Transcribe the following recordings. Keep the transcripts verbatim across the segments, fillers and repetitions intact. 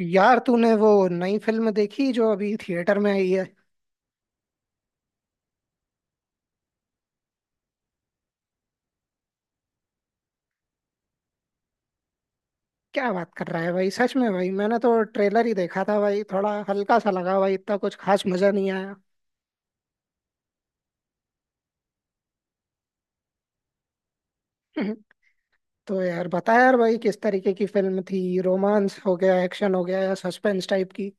यार, तूने वो नई फिल्म देखी जो अभी थिएटर में आई है। क्या बात कर रहा है भाई, सच में भाई, मैंने तो ट्रेलर ही देखा था भाई, थोड़ा हल्का सा लगा भाई, इतना कुछ खास मजा नहीं आया। तो यार बता यार भाई, किस तरीके की फिल्म थी? रोमांस हो गया, एक्शन हो गया या सस्पेंस टाइप की?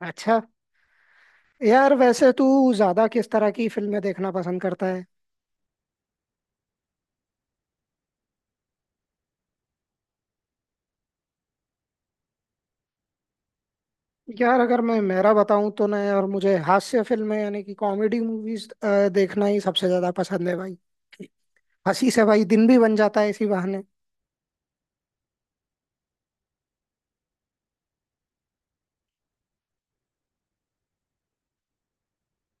अच्छा, यार वैसे तू ज्यादा किस तरह की फिल्में देखना पसंद करता है? यार अगर मैं मेरा बताऊं तो ना यार, मुझे हास्य फिल्में यानी कि कॉमेडी मूवीज देखना ही सबसे ज्यादा पसंद है भाई। हंसी से भाई दिन भी बन जाता है इसी बहाने।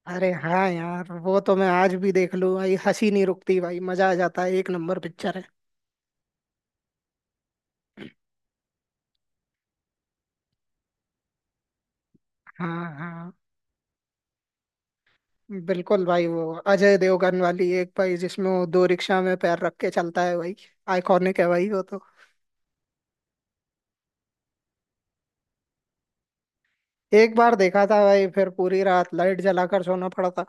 अरे हाँ यार, वो तो मैं आज भी देख लूँ भाई, हंसी नहीं रुकती भाई, मजा आ जाता है, एक नंबर पिक्चर है। हाँ हाँ, बिल्कुल भाई, वो अजय देवगन वाली एक भाई जिसमें वो दो रिक्शा में पैर रख के चलता है भाई, आइकॉनिक है भाई वो तो। एक बार देखा था भाई, फिर पूरी रात लाइट जलाकर सोना पड़ा था।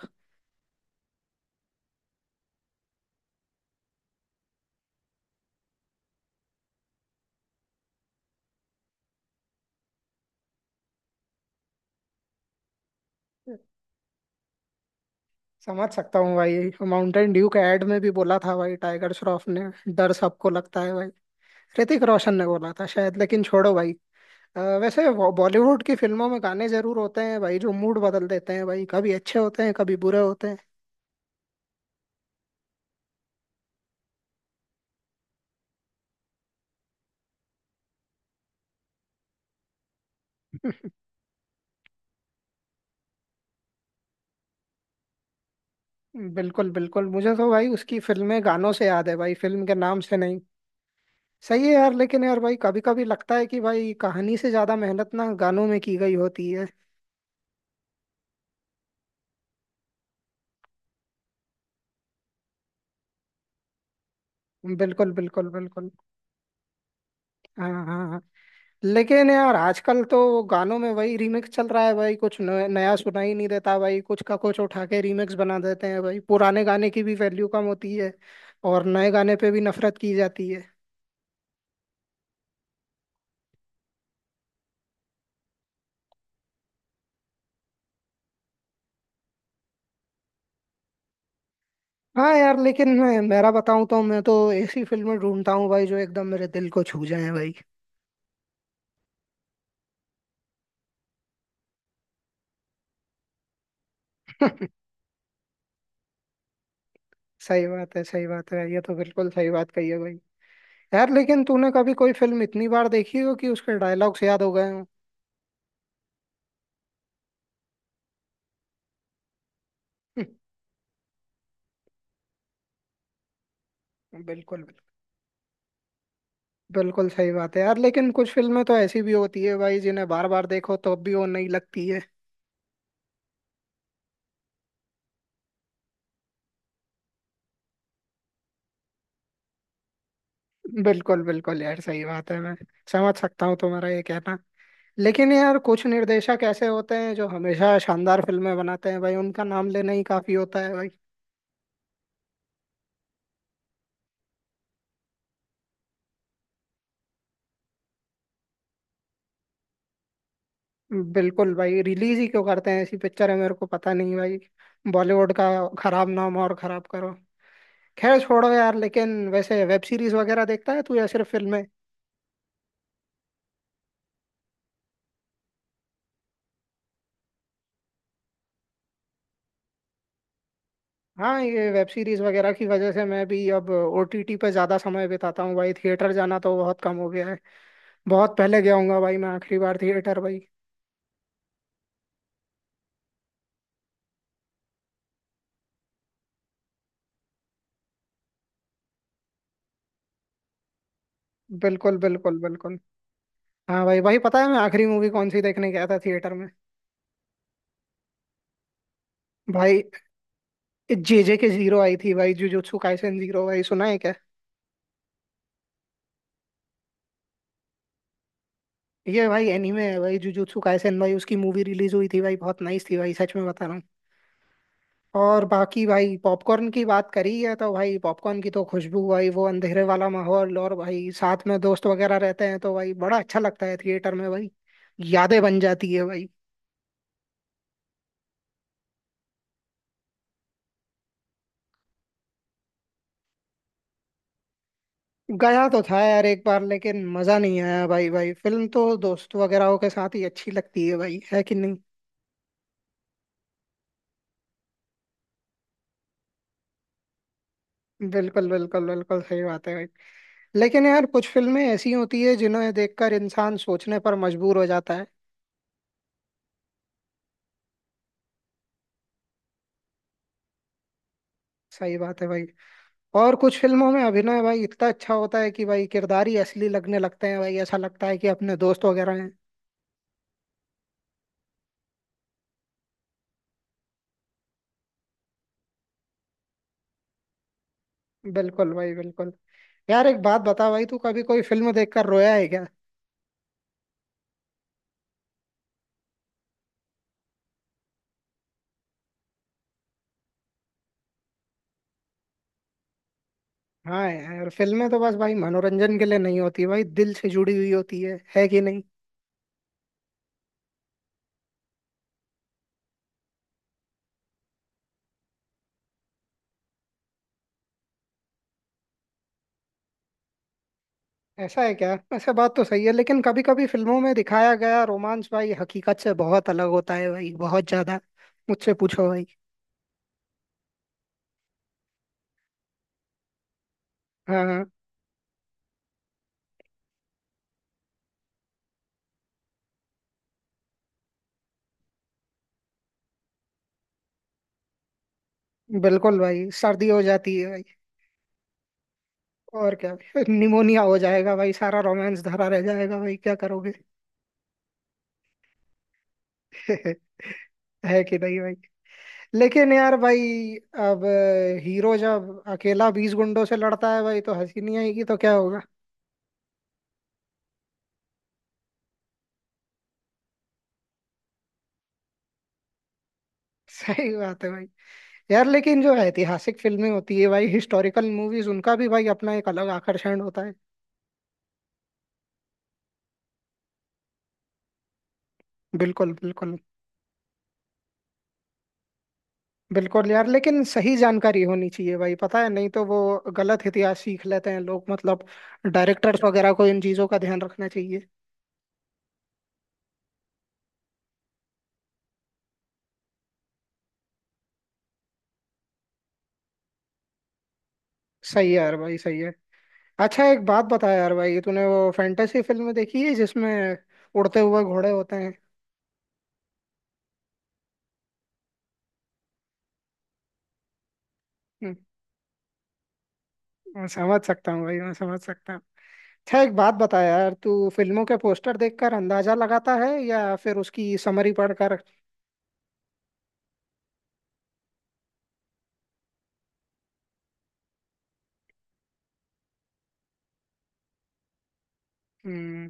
समझ सकता हूँ भाई, माउंटेन ड्यू के एड में भी बोला था भाई, टाइगर श्रॉफ ने, डर सबको लगता है भाई। ऋतिक रोशन ने बोला था शायद, लेकिन छोड़ो भाई। अ, वैसे बॉ- बॉलीवुड की फिल्मों में गाने जरूर होते हैं भाई, जो मूड बदल देते हैं भाई, कभी अच्छे होते हैं, कभी बुरे होते हैं। बिल्कुल बिल्कुल, मुझे तो भाई उसकी फिल्में गानों से याद है भाई, फिल्म के नाम से नहीं। सही है यार, लेकिन यार भाई कभी कभी लगता है कि भाई कहानी से ज्यादा मेहनत ना गानों में की गई होती है। बिल्कुल बिल्कुल बिल्कुल। हाँ हाँ हाँ। लेकिन यार आजकल तो गानों में वही रीमिक्स चल रहा है भाई, कुछ न- नया सुना ही नहीं देता भाई, कुछ का कुछ उठा के रीमिक्स बना देते हैं भाई, पुराने गाने की भी वैल्यू कम होती है। और नए गाने पे भी नफरत की जाती है। हाँ यार, लेकिन मैं मेरा बताऊं तो मैं तो ऐसी फिल्में ढूंढता हूँ भाई जो एकदम मेरे दिल को छू जाए भाई। सही बात है, सही बात है, ये तो बिल्कुल सही बात कही है भाई। यार लेकिन तूने कभी कोई फिल्म इतनी बार देखी हो कि उसके डायलॉग्स याद हो गए हों? बिल्कुल बिल्कुल, सही बात है यार, लेकिन कुछ फिल्में तो ऐसी भी होती है भाई जिन्हें बार बार देखो तो भी वो नहीं लगती है। बिल्कुल बिल्कुल यार, सही बात है। मैं समझ सकता हूँ तुम्हारा ये कहना। लेकिन यार कुछ निर्देशक ऐसे होते हैं जो हमेशा शानदार फिल्में बनाते हैं भाई, उनका नाम लेना ही काफी होता है भाई। बिल्कुल भाई, रिलीज ही क्यों करते हैं ऐसी पिक्चर है मेरे को पता नहीं भाई। बॉलीवुड का खराब नाम और खराब करो। खैर छोड़ो यार, लेकिन वैसे वेब सीरीज वगैरह देखता है तू या सिर्फ फिल्में? हाँ, ये वेब सीरीज वगैरह की वजह से मैं भी अब ओटीटी पे ज्यादा समय बिताता हूँ भाई, थिएटर जाना तो बहुत कम हो गया है। बहुत पहले गया हूँगा भाई, मैं आखिरी बार थिएटर भाई। बिल्कुल बिल्कुल बिल्कुल। हाँ भाई भाई, पता है मैं आखिरी मूवी कौन सी देखने गया था थिएटर में? भाई जेजे के जीरो आई थी भाई, जुजुत्सु काइसेन जीरो भाई, सुना है क्या? ये भाई एनीमे है भाई, जुजुत्सु काइसेन भाई, उसकी मूवी रिलीज हुई थी भाई, बहुत नाइस थी भाई, सच में बता रहा हूँ। और बाकी भाई, पॉपकॉर्न की बात करी है तो भाई, पॉपकॉर्न की तो खुशबू भाई, वो अंधेरे वाला माहौल और भाई साथ में दोस्त वगैरह रहते हैं तो भाई बड़ा अच्छा लगता है थिएटर में भाई। यादें बन जाती है भाई। गया तो था यार एक बार, लेकिन मजा नहीं आया भाई भाई, फिल्म तो दोस्त वगैरह के साथ ही अच्छी लगती है भाई, है कि नहीं? बिल्कुल बिल्कुल बिल्कुल, सही बात है भाई। लेकिन यार कुछ फिल्में ऐसी होती है जिन्हें देखकर इंसान सोचने पर मजबूर हो जाता है। सही बात है भाई। और कुछ फिल्मों में अभिनय भाई इतना अच्छा होता है कि भाई किरदार ही असली लगने लगते हैं भाई, ऐसा लगता है कि अपने दोस्त वगैरह हैं। बिल्कुल भाई बिल्कुल। यार एक बात बता भाई, तू कभी कोई फिल्म देखकर रोया है क्या? हाँ यार, फिल्में तो बस भाई मनोरंजन के लिए नहीं होती भाई, दिल से जुड़ी हुई होती है है कि नहीं? ऐसा है क्या? ऐसा बात तो सही है, लेकिन कभी कभी फिल्मों में दिखाया गया रोमांस भाई हकीकत से बहुत अलग होता है भाई, बहुत ज्यादा। मुझसे पूछो भाई। हाँ हाँ, बिल्कुल भाई, सर्दी हो जाती है भाई। और क्या, भाई, निमोनिया हो जाएगा भाई, सारा रोमांस धरा रह जाएगा भाई, क्या करोगे? है कि नहीं भाई? लेकिन यार भाई अब हीरो जब अकेला बीस गुंडों से लड़ता है भाई, तो हंसी नहीं आएगी तो क्या होगा? सही बात है भाई। यार लेकिन जो ऐतिहासिक फिल्में होती है भाई, हिस्टोरिकल मूवीज, उनका भी भाई अपना एक अलग आकर्षण होता है। बिल्कुल बिल्कुल बिल्कुल। यार लेकिन सही जानकारी होनी चाहिए भाई, पता है, नहीं तो वो गलत इतिहास सीख लेते हैं लोग, मतलब डायरेक्टर्स वगैरह को इन चीजों का ध्यान रखना चाहिए। सही है यार भाई, सही है। अच्छा एक बात बता यार भाई, तूने वो फैंटेसी फिल्म देखी है जिसमें उड़ते हुए घोड़े होते हैं? हम्म, मैं समझ सकता हूँ भाई, मैं समझ सकता हूँ। अच्छा एक बात बता यार, तू फिल्मों के पोस्टर देखकर अंदाजा लगाता है या फिर उसकी समरी पढ़कर? हम्म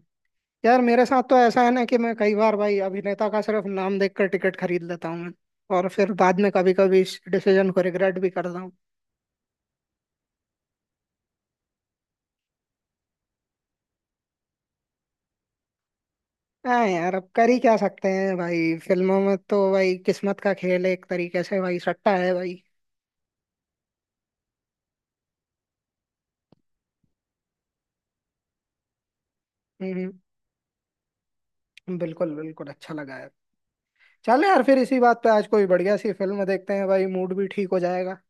यार मेरे साथ तो ऐसा है ना कि मैं कई बार भाई अभिनेता का सिर्फ नाम देखकर टिकट खरीद लेता हूँ मैं। और फिर बाद में कभी कभी इस डिसीजन को रिग्रेट भी करता हूँ। हाँ यार, अब कर ही क्या सकते हैं भाई, फिल्मों में तो भाई किस्मत का खेल है, एक तरीके से भाई सट्टा है भाई। हम्म हम्म। बिल्कुल बिल्कुल, अच्छा लगा यार। चलो यार, फिर इसी बात पे आज कोई बढ़िया सी फिल्म देखते हैं भाई, मूड भी ठीक हो जाएगा।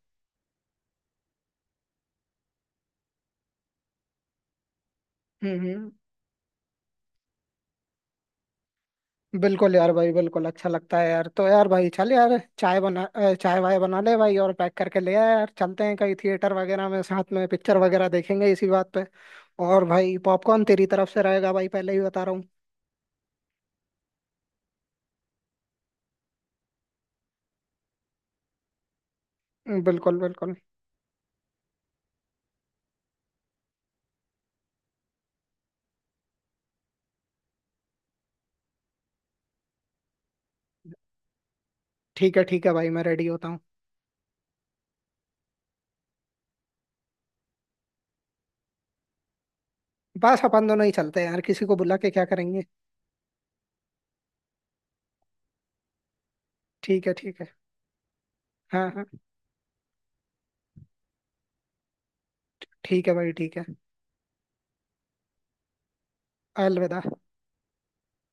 हम्म हम्म, बिल्कुल यार भाई बिल्कुल अच्छा लगता है यार, तो यार भाई चल यार, चाय बना अ, चाय वाय बना ले भाई और पैक करके ले आया यार, चलते हैं कहीं थिएटर वगैरह में साथ में पिक्चर वगैरह देखेंगे इसी बात पे। और भाई पॉपकॉर्न तेरी तरफ से रहेगा भाई, पहले ही बता रहा हूँ। बिल्कुल बिल्कुल। ठीक है ठीक है भाई, मैं रेडी होता हूँ। बस अपन दोनों ही चलते हैं यार, किसी को बुला के क्या करेंगे? ठीक है ठीक है। हाँ हाँ, ठीक है भाई ठीक है। अलविदा।